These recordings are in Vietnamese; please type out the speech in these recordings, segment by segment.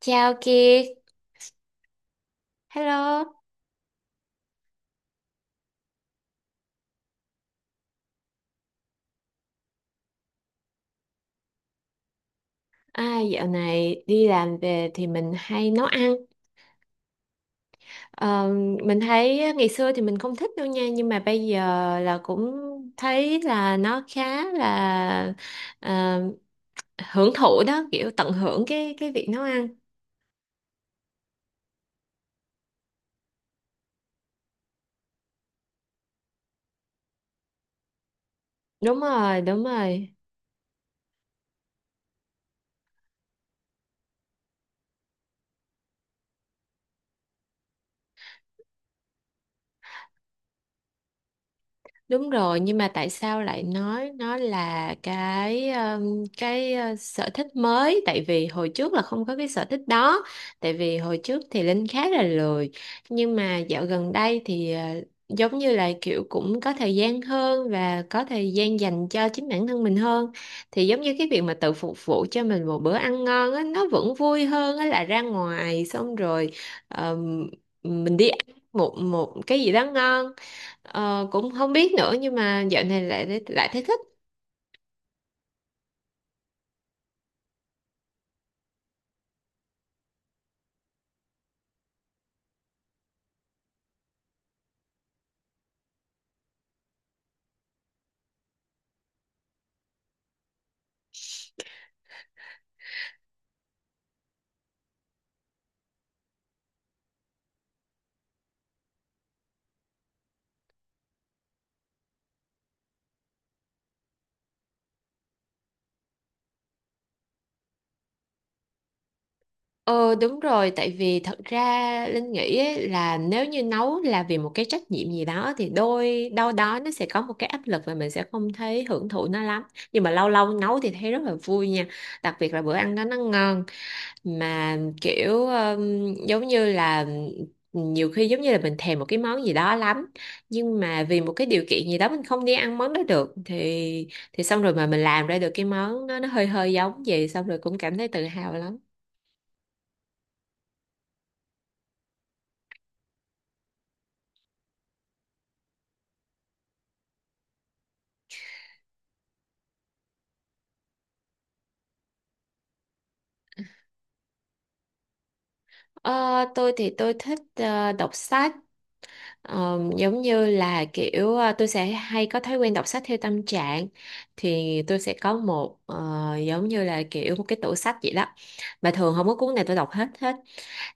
Chào Kiệt, hello. À, dạo này đi làm về thì mình hay nấu ăn. Ờ, mình thấy ngày xưa thì mình không thích đâu nha, nhưng mà bây giờ là cũng thấy là nó khá là ờ, hưởng thụ đó, kiểu tận hưởng cái việc nấu ăn. Đúng rồi, đúng rồi. Đúng rồi, nhưng mà tại sao lại nói nó là cái sở thích mới? Tại vì hồi trước là không có cái sở thích đó. Tại vì hồi trước thì Linh khá là lười, nhưng mà dạo gần đây thì giống như là kiểu cũng có thời gian hơn và có thời gian dành cho chính bản thân mình hơn. Thì giống như cái việc mà tự phục vụ cho mình một bữa ăn ngon á, nó vẫn vui hơn á là ra ngoài xong rồi um, mình đi ăn một một cái gì đó ngon. Cũng không biết nữa nhưng mà dạo này lại lại thấy thích. Ờ đúng rồi, tại vì thật ra Linh nghĩ ấy, là nếu như nấu là vì một cái trách nhiệm gì đó thì đôi đâu đó nó sẽ có một cái áp lực và mình sẽ không thấy hưởng thụ nó lắm. Nhưng mà lâu lâu nấu thì thấy rất là vui nha. Đặc biệt là bữa ăn đó nó ngon. Mà kiểu giống như là nhiều khi giống như là mình thèm một cái món gì đó lắm, nhưng mà vì một cái điều kiện gì đó mình không đi ăn món đó được, thì xong rồi mà mình làm ra được cái món nó hơi hơi giống vậy, xong rồi cũng cảm thấy tự hào lắm. Ờ, tôi thì tôi thích đọc sách. Giống như là kiểu tôi sẽ hay có thói quen đọc sách theo tâm trạng. Thì tôi sẽ có một giống như là kiểu một cái tủ sách vậy đó, mà thường không có cuốn nào tôi đọc hết hết.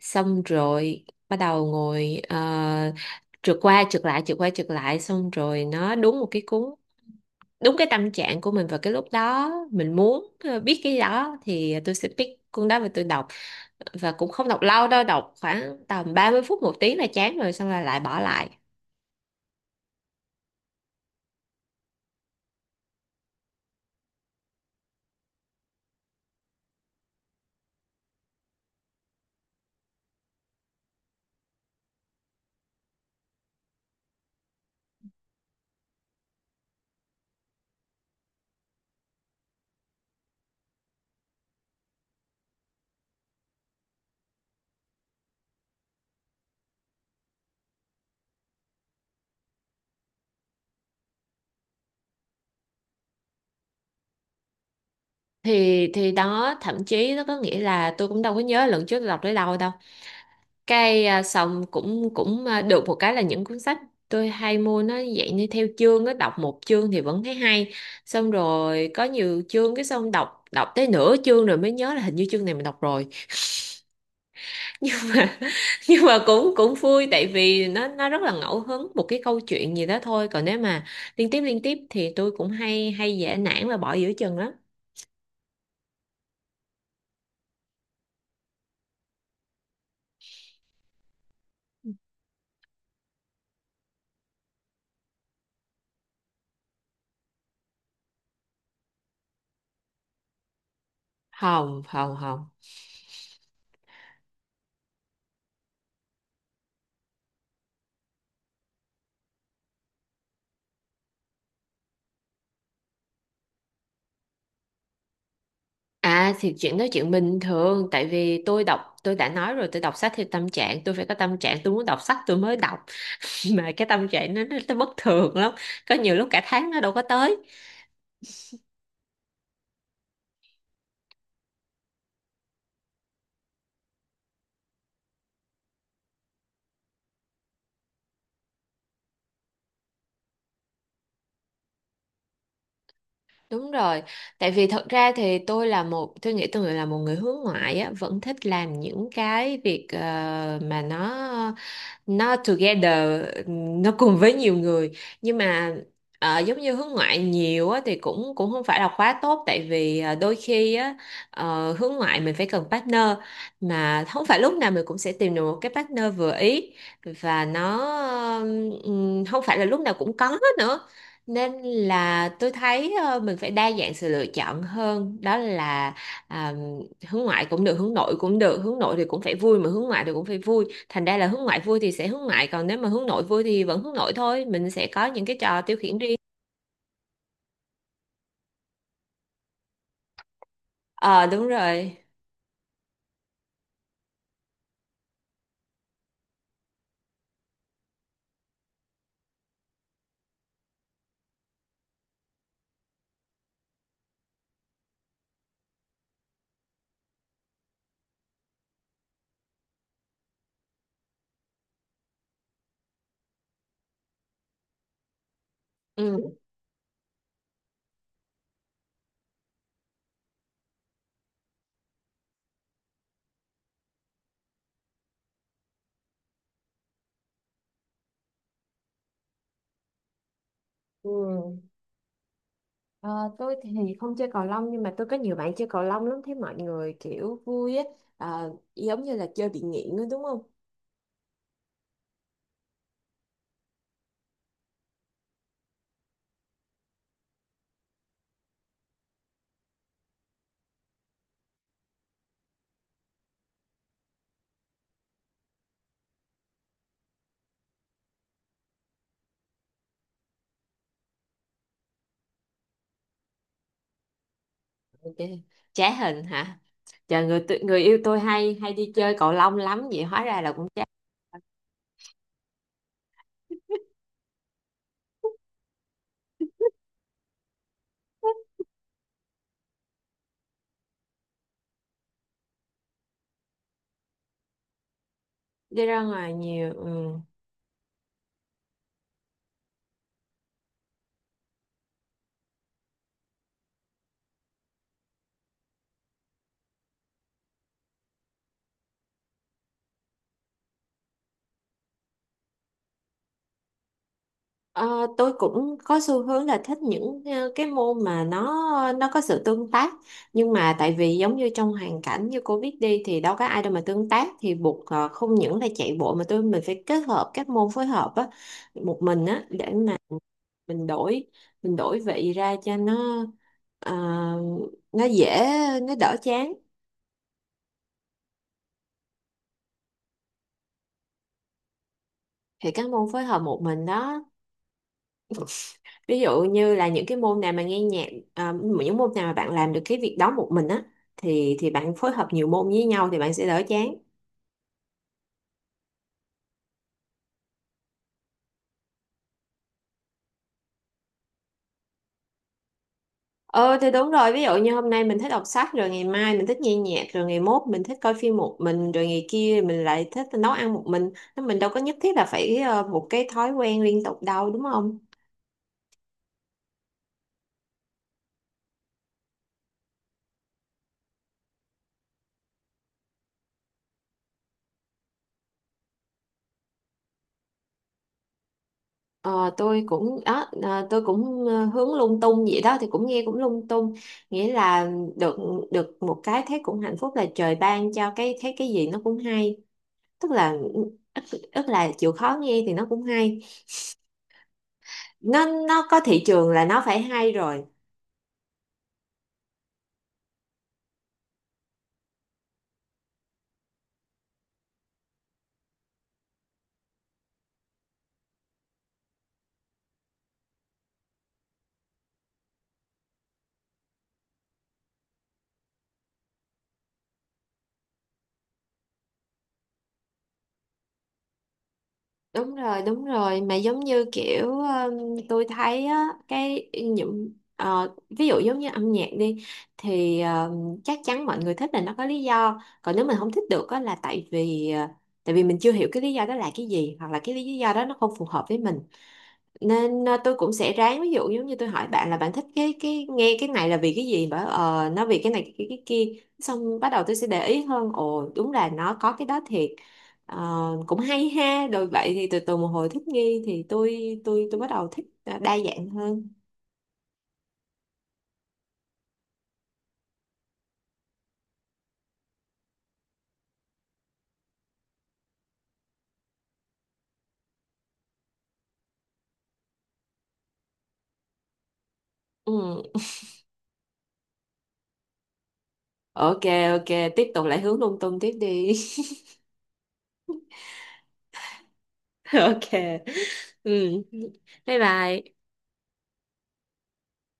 Xong rồi bắt đầu ngồi trượt qua trượt lại trượt qua trượt lại, xong rồi nó đúng một cái cuốn đúng cái tâm trạng của mình vào cái lúc đó mình muốn biết cái đó, thì tôi sẽ pick cuốn đó và tôi đọc. Và cũng không đọc lâu đâu, đọc khoảng tầm 30 phút một tiếng là chán rồi, xong là lại bỏ lại. Thì đó, thậm chí nó có nghĩa là tôi cũng đâu có nhớ lần trước tôi đọc tới đâu đâu. Cái xong cũng cũng à, được một cái là những cuốn sách tôi hay mua nó dạng như theo chương á, đọc một chương thì vẫn thấy hay. Xong rồi có nhiều chương cái xong đọc đọc tới nửa chương rồi mới nhớ là hình như chương này mình đọc rồi. nhưng mà nhưng mà cũng cũng vui tại vì nó rất là ngẫu hứng một cái câu chuyện gì đó thôi, còn nếu mà liên tiếp thì tôi cũng hay hay dễ nản và bỏ giữa chừng lắm. Không không không. À thì chuyện đó chuyện bình thường, tại vì tôi đọc, tôi đã nói rồi, tôi đọc sách theo tâm trạng, tôi phải có tâm trạng tôi muốn đọc sách tôi mới đọc. Mà cái tâm trạng nó bất thường lắm, có nhiều lúc cả tháng nó đâu có tới. Đúng rồi, tại vì thật ra thì tôi nghĩ tôi là một người hướng ngoại á, vẫn thích làm những cái việc mà nó together, nó cùng với nhiều người. Nhưng mà giống như hướng ngoại nhiều á, thì cũng cũng không phải là quá tốt, tại vì đôi khi á, hướng ngoại mình phải cần partner, mà không phải lúc nào mình cũng sẽ tìm được một cái partner vừa ý, và nó không phải là lúc nào cũng có nữa. Nên là tôi thấy mình phải đa dạng sự lựa chọn hơn, đó là à, hướng ngoại cũng được hướng nội cũng được, hướng nội thì cũng phải vui mà hướng ngoại thì cũng phải vui. Thành ra là hướng ngoại vui thì sẽ hướng ngoại, còn nếu mà hướng nội vui thì vẫn hướng nội thôi, mình sẽ có những cái trò tiêu khiển riêng. Ờ đúng rồi. Ừ. Ừ. Ờ, tôi thì không chơi cầu lông nhưng mà tôi có nhiều bạn chơi cầu lông lắm, thấy mọi người kiểu vui á. Giống như là chơi bị nghiện đó, đúng không? Ok. Trá hình hả? Trời, người yêu tôi hay hay đi chơi cầu lông lắm, vậy hóa ra là cũng trá. Đi ra ngoài nhiều, ừ. Ờ, tôi cũng có xu hướng là thích những cái môn mà nó có sự tương tác. Nhưng mà tại vì giống như trong hoàn cảnh như cô biết đi thì đâu có ai đâu mà tương tác, thì buộc không những là chạy bộ mà mình phải kết hợp các môn phối hợp á, một mình á, để mà mình đổi mình đổi vị ra cho nó ờ, nó dễ, nó đỡ chán. Thì các môn phối hợp một mình đó, ví dụ như là những cái môn nào mà nghe nhạc, à, những môn nào mà bạn làm được cái việc đó một mình á, thì bạn phối hợp nhiều môn với nhau thì bạn sẽ đỡ chán. Ờ thì đúng rồi, ví dụ như hôm nay mình thích đọc sách, rồi ngày mai mình thích nghe nhạc, rồi ngày mốt mình thích coi phim một mình, rồi ngày kia mình lại thích nấu ăn một mình. Nên mình đâu có nhất thiết là phải một cái thói quen liên tục đâu, đúng không? Ờ, tôi cũng hướng lung tung vậy đó, thì cũng nghe cũng lung tung, nghĩa là được được một cái thấy cũng hạnh phúc là trời ban cho, cái thấy cái gì nó cũng hay. Tức là tức là chịu khó nghe thì nó cũng hay, nó có thị trường là nó phải hay rồi. Đúng rồi, đúng rồi, mà giống như kiểu tôi thấy á cái những ví dụ giống như âm nhạc đi thì chắc chắn mọi người thích là nó có lý do, còn nếu mình không thích được á là tại vì tại vì mình chưa hiểu cái lý do đó là cái gì hoặc là cái lý do đó nó không phù hợp với mình. Nên tôi cũng sẽ ráng, ví dụ giống như tôi hỏi bạn là bạn thích cái nghe cái này là vì cái gì, bảo nó vì cái này cái kia, xong bắt đầu tôi sẽ để ý hơn, ồ đúng là nó có cái đó thiệt. Ờ, Cũng hay ha, rồi vậy thì từ từ một hồi thích nghi thì tôi bắt đầu thích đa dạng hơn. Ừ. Ok. Ok, tiếp tục lại hướng lung tung tiếp đi. Ok. Ừ. Bye bye.